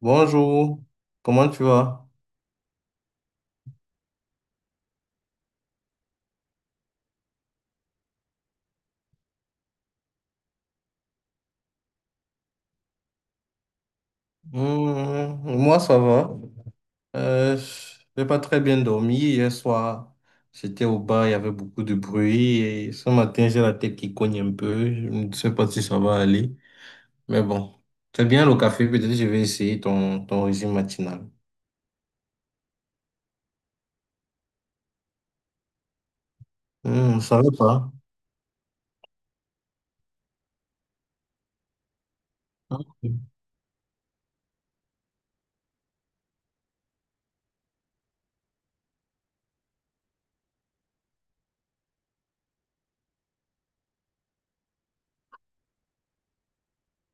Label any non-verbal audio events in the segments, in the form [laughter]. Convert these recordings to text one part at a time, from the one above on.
Bonjour, comment tu vas? Moi, ça va. Euh, j'ai pas très bien dormi. Hier soir, j'étais au bar, il y avait beaucoup de bruit. Et ce matin, j'ai la tête qui cogne un peu. Je ne sais pas si ça va aller. Mais bon, c'est bien le café. Peut-être que je vais essayer ton régime matinal. Ça va pas? Ok.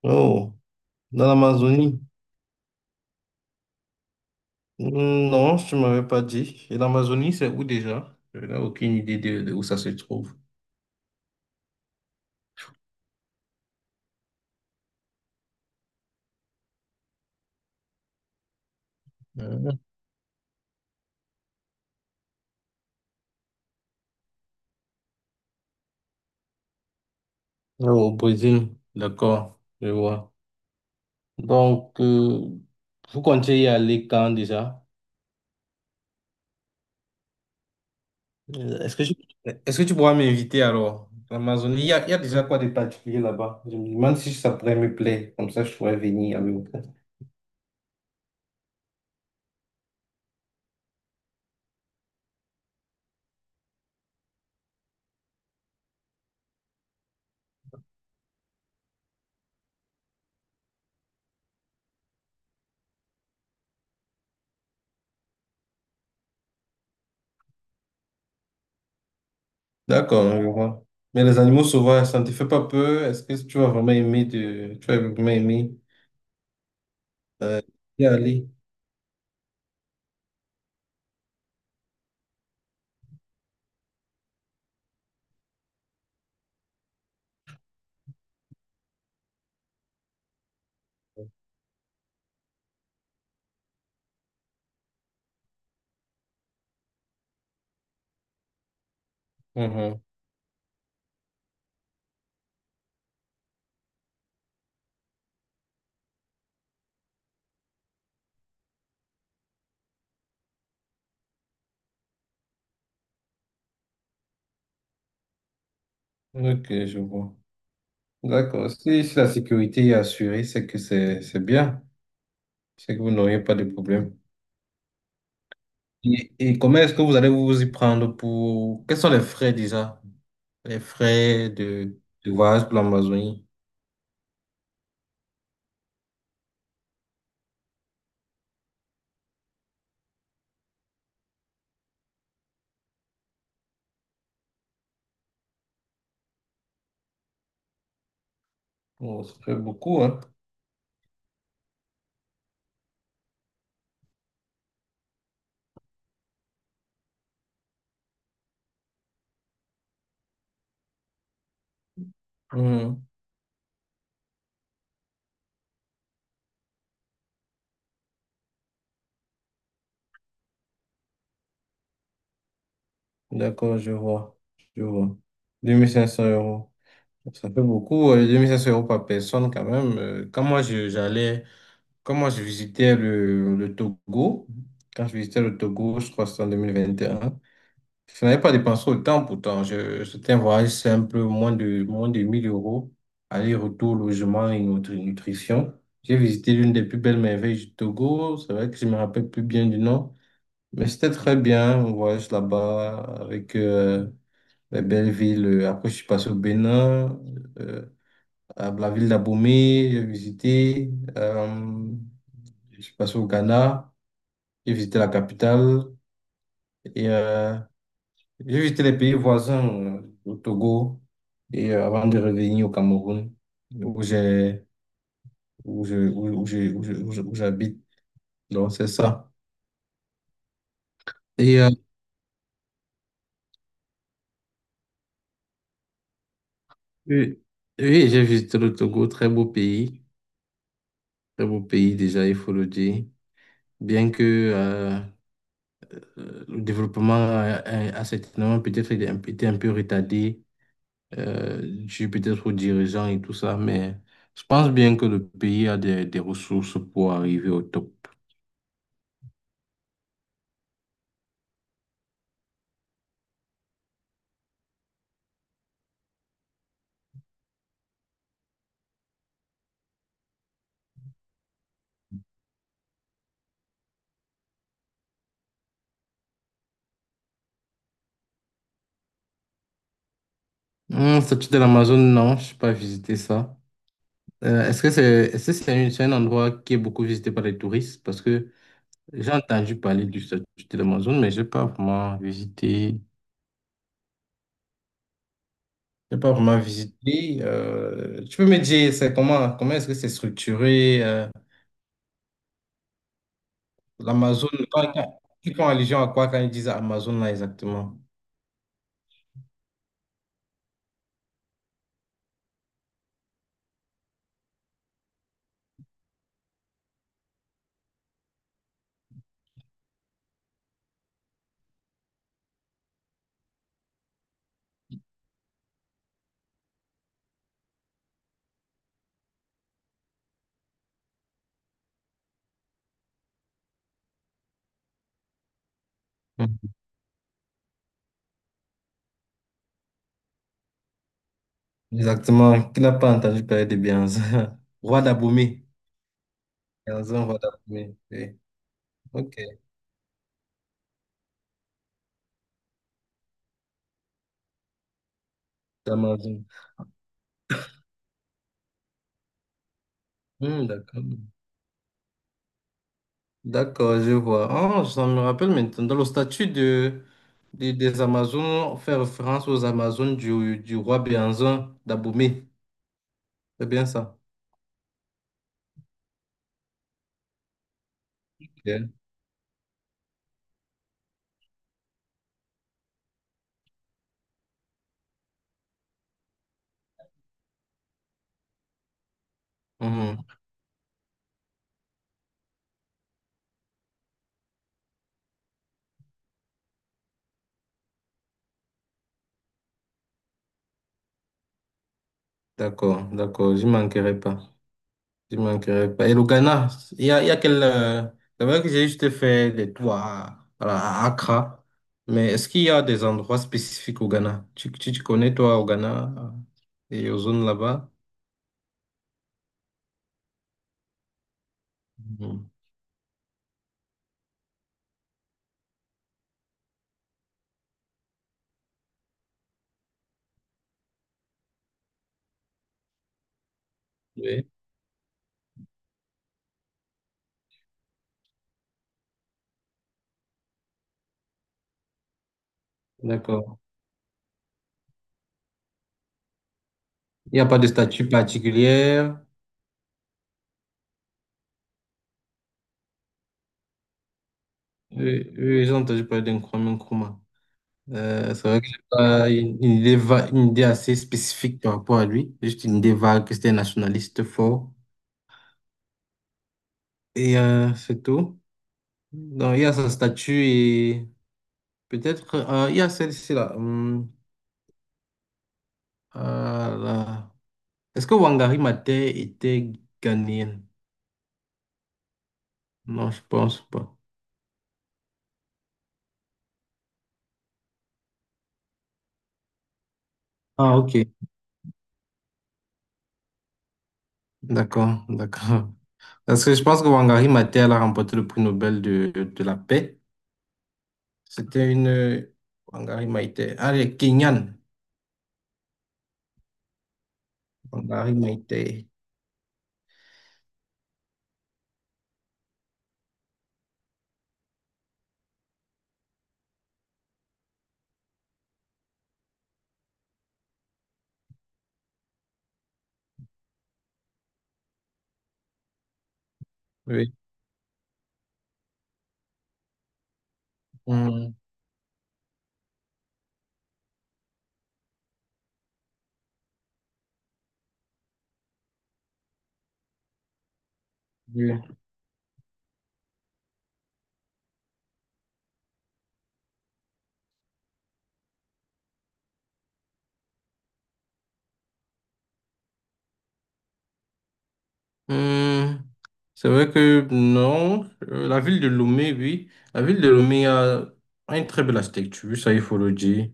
Oh, dans l'Amazonie? Non, tu m'avais pas dit. Et l'Amazonie, c'est où déjà? Je n'ai aucune idée de où ça se trouve. Au Brésil, d'accord, je vois. Donc, vous comptez y aller quand déjà? Euh, Est-ce que tu, est-ce que tu pourras m'inviter alors? L'Amazonie, il y a déjà quoi de particulier là-bas? Je me demande si ça pourrait me plaire, comme ça je pourrais venir avec vous. D'accord, je vois. Mais les animaux sauvages, ça ne te fait pas peur? Est-ce que tu vas vraiment aimer y aller? Mhm. Ok, je vois. D'accord. Si la sécurité est assurée, c'est que c'est bien. C'est que vous n'auriez pas de problème. Et comment est-ce que vous allez vous y prendre pour... Quels sont les frais déjà? Les frais de voyage pour l'Amazonie? Bon, ça fait beaucoup, hein? Mhm. D'accord, je vois. Je vois. 2 500 euros. Ça fait beaucoup, 2 500 euros par personne quand même. Quand moi je visitais le, le Togo, quand je visitais le Togo, je crois que c'était en 2021. Je n'avais pas dépensé autant pourtant. C'était un voyage simple, moins de 1 000 euros, aller-retour, logement et nutrition. J'ai visité l'une des plus belles merveilles du Togo. C'est vrai que je ne me rappelle plus bien du nom, mais c'était très bien, un voyage là-bas avec les belles villes. Après, je suis passé au Bénin. euh, la ville d'Abomey, j'ai visité. Euh, je suis passé au Ghana, j'ai visité la capitale et j'ai visité les pays voisins, au Togo, et avant de revenir au Cameroun, où j'ai, où je, où, où j'ai- où j'habite. Donc, c'est ça. Et oui, oui, j'ai visité le Togo, très beau pays déjà, il faut le dire. Bien que euh, le développement a certainement peut-être été un peu retardé dû peut-être aux dirigeants et tout ça, mais je pense bien que le pays a des ressources pour arriver au top. Statut de l'Amazon, non, je n'ai pas visité ça. Est-ce que c'est un endroit qui est beaucoup visité par les touristes? Parce que j'ai entendu parler du statut de l'Amazon, mais je n'ai pas vraiment visité. J'ai pas vraiment visité. Tu peux me dire, c'est comment? Comment est-ce que c'est structuré? L'Amazon, ils font allusion à quoi quand ils disent Amazon là exactement? Exactement. Qui n'a pas entendu parler de Béhanzin? [laughs] Roi d'Abomey. Béhanzin, roi d'Abomey. Oui. Ok. D'Amazon. Hmm, d'accord. D'accord, je vois. Ah, ça me rappelle maintenant. Dans le statut des Amazones, on fait référence aux Amazones du roi Béhanzin d'Abomey. C'est bien ça? Ok. Mhm. D'accord, d'accord. Je manquerai pas. Il manquerait pas. Et le Ghana. Il y a quel. C'est vrai que j'ai juste fait des tours à Accra, mais est-ce qu'il y a des endroits spécifiques au Ghana? Tu connais, toi, au Ghana et aux zones là-bas? Mhm. Oui, d'accord. Il n'y a pas de statue particulière. Oui, oui, j'ai entendu parler d'un Kwame Nkrumah. C'est vrai que j'ai pas une idée assez spécifique par rapport à lui. Juste une idée vague que c'était un nationaliste fort. Et c'est tout. Donc, il y a sa statue. Peut-être, il y a celle-ci là. Ah là. Est-ce que Wangari Maathai était ghanéenne? Non, je pense pas. Ah, ok. D'accord, d'accord. Parce que je pense que Wangari Maathai, elle a remporté le prix Nobel de la paix. C'était une... Wangari Maathai. Ah, elle est kenyane. Wangari Maathai. Oui. Hum, oui. Hum, c'est vrai que non, la ville de Lomé, oui. La ville de Lomé a une très belle architecture, ça il faut le dire.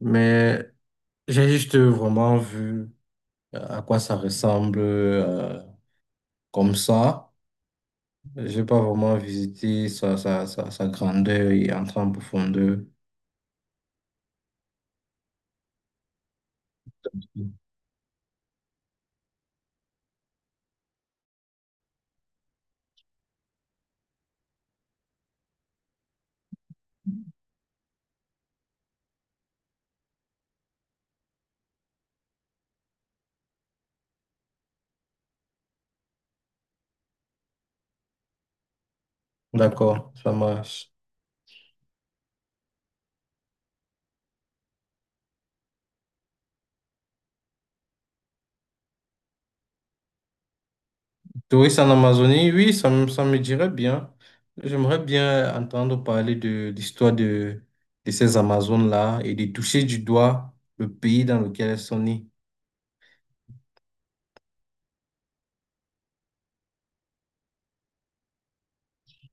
Mais j'ai juste vraiment vu à quoi ça ressemble comme ça. J'ai pas vraiment visité sa grandeur et entrer en profondeur. D'accord, ça marche. Touristes en Amazonie, oui, ça me dirait bien. J'aimerais bien entendre parler de l'histoire de ces Amazones-là et de toucher du doigt le pays dans lequel elles sont nées.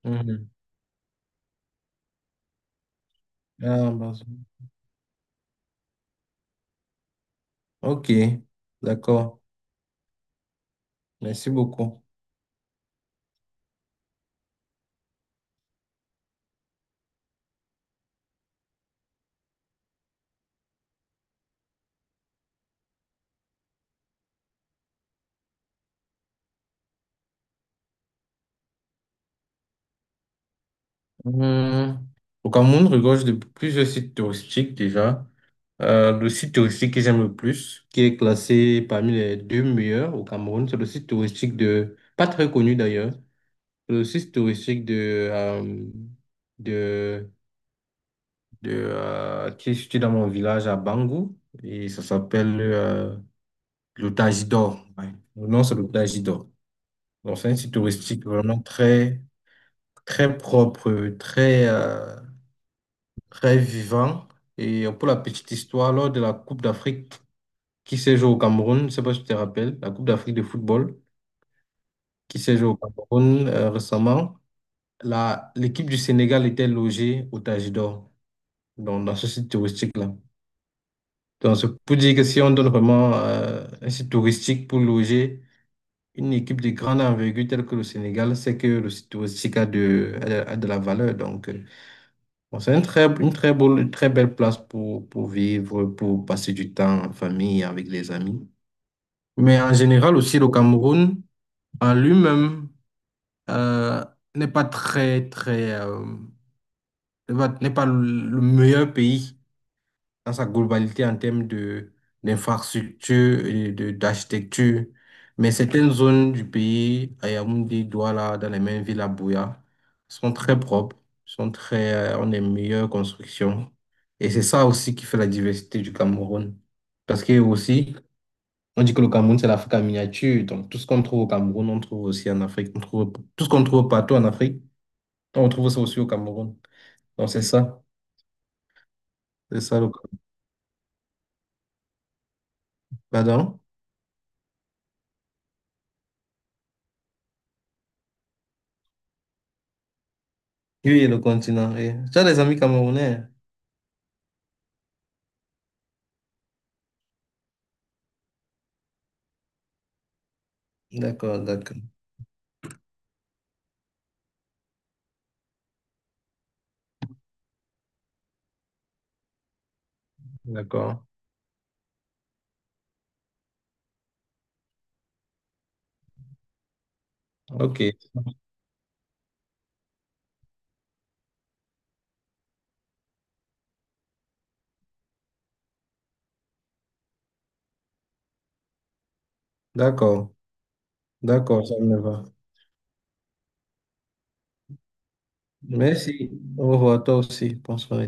Mhm. Ah, Amazonie. Ok, d'accord. Merci beaucoup. Hum, Au Cameroun regorge de plusieurs sites touristiques déjà. Le site touristique que j'aime le plus, qui est classé parmi les deux meilleurs au Cameroun, c'est le site touristique de, pas très connu d'ailleurs, c'est le site touristique de, de, qui est situé dans mon village à Bangou, et ça s'appelle le Tajidor. Ouais. Le nom, c'est le Tajidor. Donc, c'est un site touristique vraiment très, très propre, très, très vivant. Et pour la petite histoire, lors de la Coupe d'Afrique, qui s'est joué au Cameroun, je ne sais pas si tu te rappelles, la Coupe d'Afrique de football qui s'est jouée au Cameroun récemment. L'équipe du Sénégal était logée au Tajidor, donc dans ce site touristique-là. Donc, c'est pour dire que si on donne vraiment un site touristique pour loger une équipe de grande envergure telle que le Sénégal, c'est que le site touristique a de la valeur. Donc, bon, c'est une très belle place pour vivre, pour passer du temps en famille, avec les amis. Mais en général aussi, le Cameroun, en lui-même euh, n'est pas très, n'est pas le meilleur pays dans sa globalité en termes de d'infrastructure et de d'architecture. Mais certaines zones du pays, à Yaoundé, Douala, dans les mêmes villes à Bouya, sont très propres, ont des meilleures constructions. Et c'est ça aussi qui fait la diversité du Cameroun. Parce que aussi, on dit que le Cameroun, c'est l'Afrique en miniature. Donc, tout ce qu'on trouve au Cameroun, on trouve aussi en Afrique. Tout ce qu'on trouve partout en Afrique, on trouve ça aussi au Cameroun. Donc, c'est ça. C'est ça le Pardon? Oui, le continent. Oui. Tu as des amis camerounais? D'accord, d'accord. D'accord. OK. D'accord. D'accord, ça me va. Merci. Au revoir, toi aussi. Bonsoir.